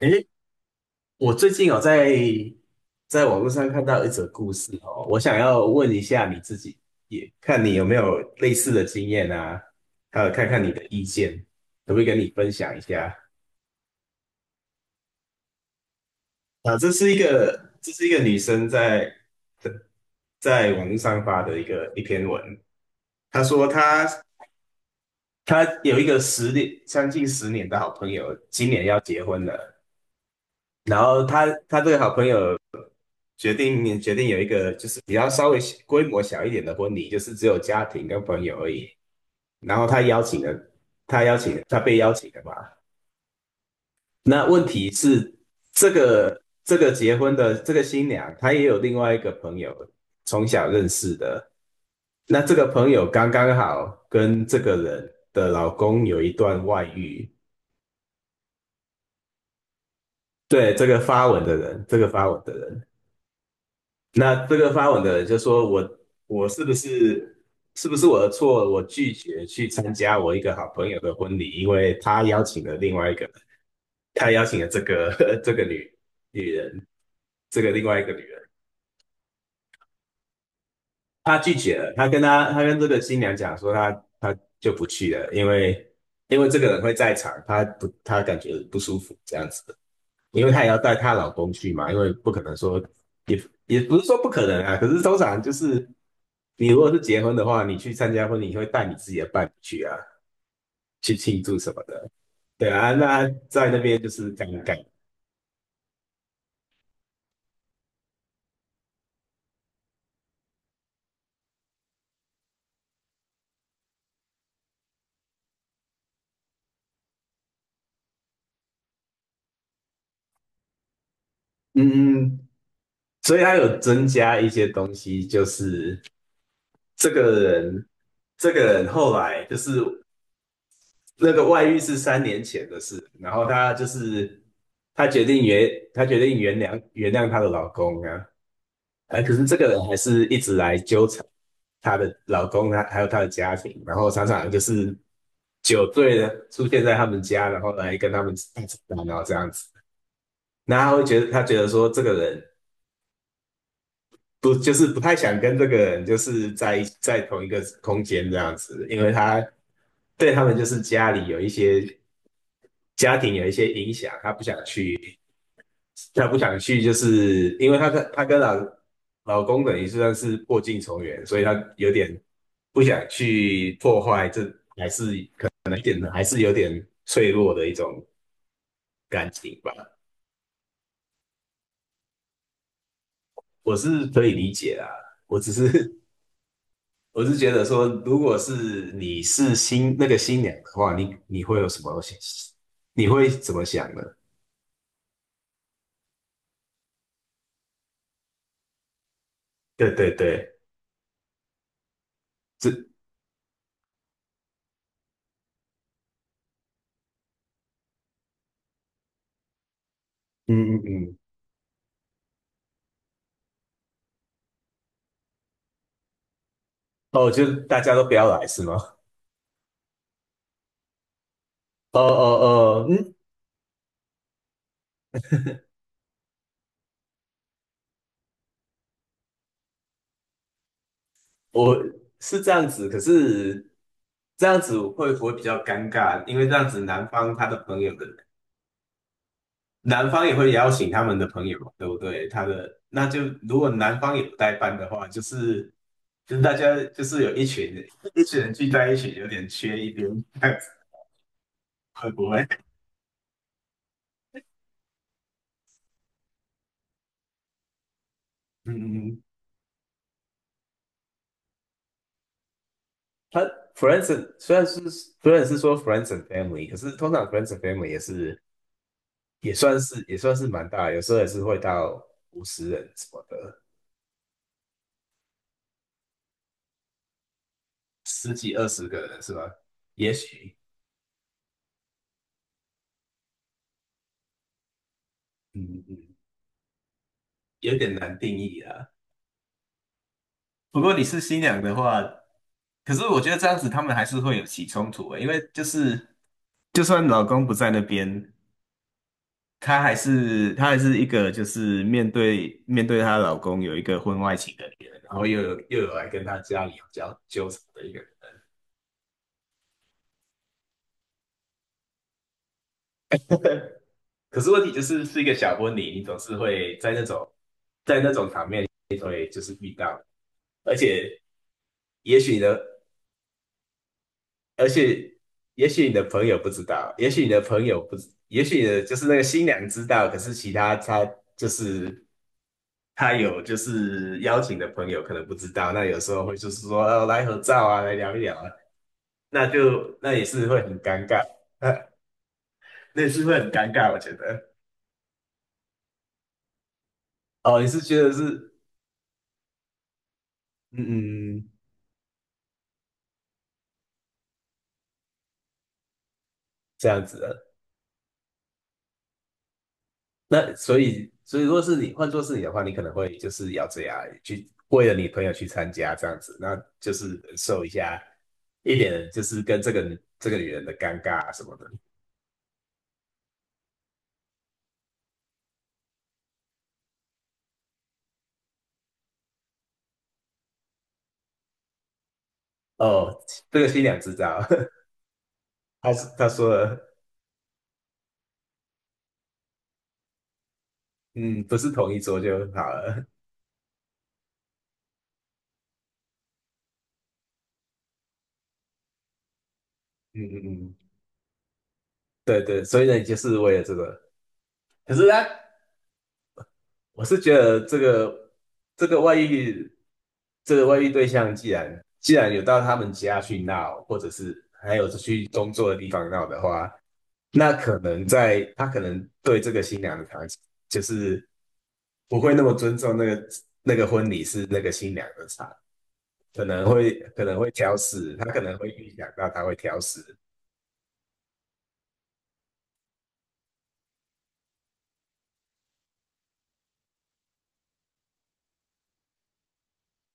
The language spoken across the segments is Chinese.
诶，我最近有在网络上看到一则故事哦，我想要问一下你自己，也看你有没有类似的经验啊，还有看看你的意见，可不可以跟你分享一下？啊，这是一个女生在在网络上发的一篇文，她说她有一个十年，将近十年的好朋友，今年要结婚了，然后她这个好朋友决定有一个就是比较稍微规模小一点的婚礼，就是只有家庭跟朋友而已。然后他邀请了他被邀请的嘛。那问题是，这个结婚的这个新娘，她也有另外一个朋友从小认识的。那这个朋友刚刚好跟这个人的老公有一段外遇，对，这个发文的人。那这个发文的人就说我是不是我的错？我拒绝去参加我一个好朋友的婚礼，因为他邀请了另外一个人，他邀请了这个 这个女人，这个另外一个女人，他拒绝了。他跟这个新娘讲说他就不去了，因为这个人会在场，他感觉不舒服这样子的。因为她也要带她老公去嘛，因为不可能说也也不是说不可能啊，可是通常就是你如果是结婚的话，你去参加婚礼，你会带你自己的伴侣去啊，去庆祝什么的。对啊，那在那边就是尴尬，嗯嗯，所以他有增加一些东西，就是这个人，这个人后来就是那个外遇是3年前的事，然后他就是他决定原谅她的老公啊，哎，可是这个人还是一直来纠缠她的老公，她还有她的家庭，然后常常就是酒醉了出现在他们家，然后来跟他们大吵大闹这样子。那他觉得说这个人不就是不太想跟这个人就是在同一个空间这样子，因为他对他们就是家庭有一些影响，他不想去，就是因为她跟老公等于是算是破镜重圆，所以她有点不想去破坏，这还是可能一点还是有点脆弱的一种感情吧。我是可以理解啦，我只是 我是觉得说，如果是你是那个新娘的话，你会有什么想？你会怎么想呢？对对对，这嗯嗯嗯，哦，就大家都不要来是吗？哦哦哦，嗯，我是这样子，可是这样子会不会比较尴尬？因为这样子男方他的朋友的，男方也会邀请他们的朋友嘛，对不对？那就如果男方有代办的话，就是大家就是有一群人聚在一起，有点缺一边，这样子会不会？嗯，嗯，他 虽然是说 friends and family，可是通常 friends and family 也是也算是蛮大的有时候也是会到50人什么的。10几20个人是吧？也许，嗯嗯，有点难定义啊。不过你是新娘的话，可是我觉得这样子他们还是会有起冲突的因为就是就算老公不在那边，她还是一个就是面对她老公有一个婚外情的女人，然后又有来跟她家里有交纠缠的一个人。可是问题就是是一个小婚礼，你总是会在那，而且也许呢，而且也许你的朋友不知道，也许你的朋友不知也许你的就是那个新娘知道，可是其他就是他有就是邀请的朋友可能不知道，那有时候会就是说哦来合照啊，来聊一聊啊，那也是会很尴尬，那也是会很尴尬，我觉得。哦，你是觉得是嗯嗯这样子的，那所以如果是你换做是你的话，你可能会就是要这样去为了你朋友去参加这样子，那就是忍受一下。一点就是跟这个女人的尴尬啊什么的。哦，这个新娘知道，她说了，嗯，不是同一桌就好了，嗯嗯嗯，对对，所以呢，你就是为了这个，可是呢。我是觉得这个这个外遇，这个外遇对象既然有到他们家去闹，或者是还有去工作的地方闹的话，那可能对这个新娘的场景，就是不会那么尊重那个婚礼是那个新娘的场，可能会挑食，他可能会预想到他会挑食。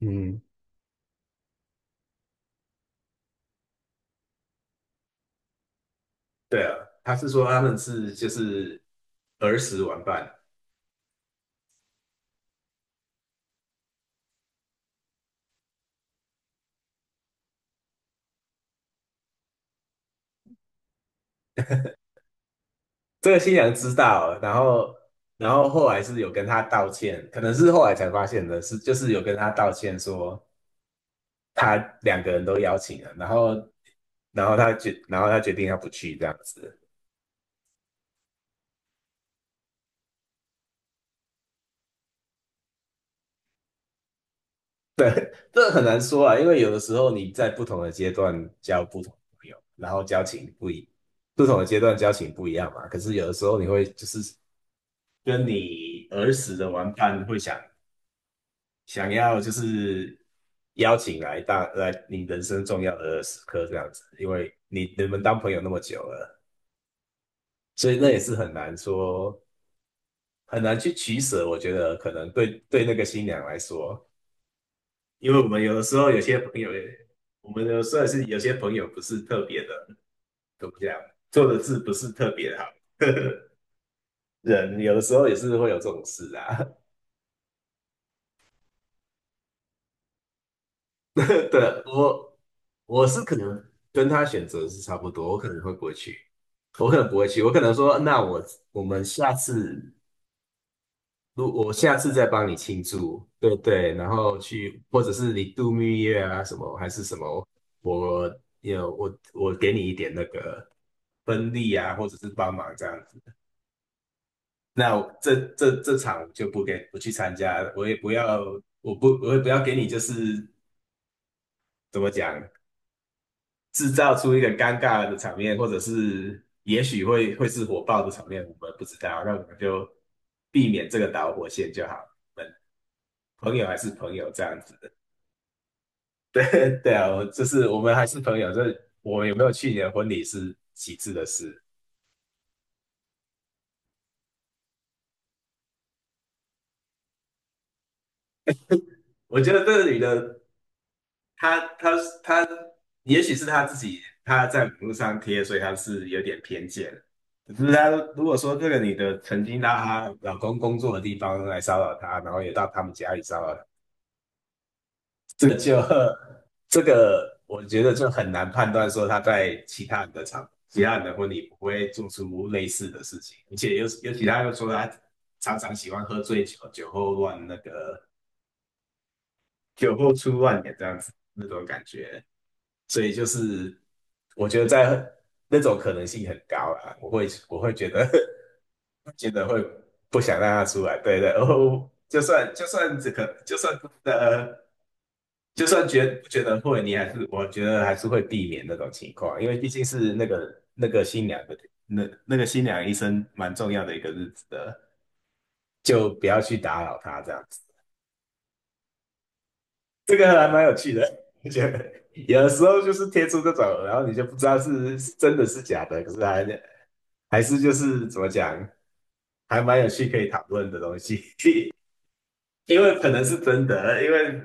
嗯，对啊，他是说他们是就是儿时玩伴，这个新娘知道了然后后来是有跟他道歉，可能是后来才发现的是，就是有跟他道歉说他两个人都邀请了，然后他决定他不去这样子，这很难说啊，因为有的时候你在不同的阶段交不同的朋友，然后交情不一，不同的阶段交情不一样嘛，可是有的时候你会就是跟你儿时的玩伴会想要就是邀请来你人生重要的时刻这样子，因为你你们当朋友那么久了，所以那也是很难说很难去取舍。我觉得可能对那个新娘来说，因为我们有的时候有些朋友也，我们有时候也是有些朋友不是特别的，怎么样，做的事不是特别好。人有的时候也是会有这种事啊，对，我我是可能跟他选择是差不多，我可能会不会去，我可能不会去，我可能说，那我我们下次，如我下次再帮你庆祝，对对，然后去，或者是你度蜜月啊什么，还是什么，我有我我给你一点那个分利啊，或者是帮忙这样子，那我这场我就不去参加我也不要，我也不要给你就是怎么讲。制造出一个尴尬的场面，或者是也许会是火爆的场面，我们不知道，那我们就避免这个导火线就好。我们朋友还是朋友这样子的，对对啊，我就是我们还是朋友。这我们有没有去年婚礼是其次的事，我觉得这个女的她她她，也许是她自己她在网络上贴，所以她是有点偏见。可是她如果说这个女的曾经到她老公工作的地方来骚扰她，然后也到他们家里骚扰这个就这个，我觉得就很难判断说他在其他人的场、其他人的婚礼不会做出类似的事情，而且尤其他又说他常常喜欢喝醉酒，酒后乱那个酒后出乱言这样子那种感觉，所以就是我觉得在那种可能性很高啦，我会觉得 觉得会不想让他出来，对对，就算呃。就算觉不觉得会，你还是我觉得还是会避免那种情况，因为毕竟是那个那个新娘的那个新娘医生蛮重要的一个日子的，就不要去打扰她这样子。这个还蛮有趣的，我觉得有的时候就是贴出这种，然后你就不知道是是真的是假的，可是还是就是怎么讲，还蛮有趣可以讨论的东西。因为可能是真的，因为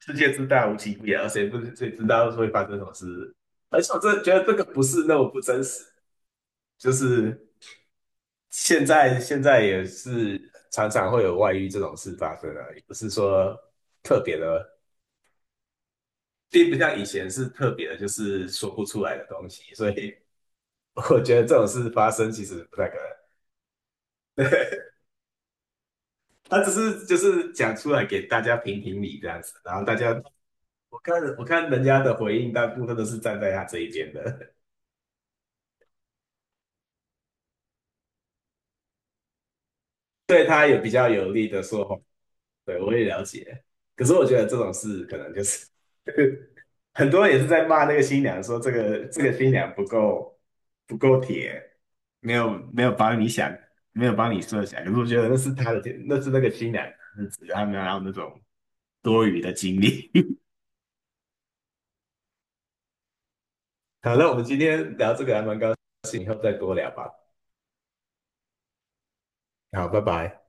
世界之大无奇不有，谁不谁知道会发生什么事？而且我真的觉得这个不是那么不真实，就是现在也是常常会有外遇这种事发生啊，也不是说特别的，并不像以前是特别的，就是说不出来的东西，所以我觉得这种事发生其实不太可能。他只是就是讲出来给大家评评理这样子，然后大家我看人家的回应，大部分都是站在他这一边的，对他有比较有利的说法，对我也了解。可是我觉得这种事可能就是 很多人也是在骂那个新娘，说这个新娘不够铁，没有帮你想，没有帮你设想。可是我觉得那是他的，那是那个新娘的日子，他没有让那种多余的精力。好，那我们今天聊这个还蛮高兴，以后再多聊吧。好，拜拜。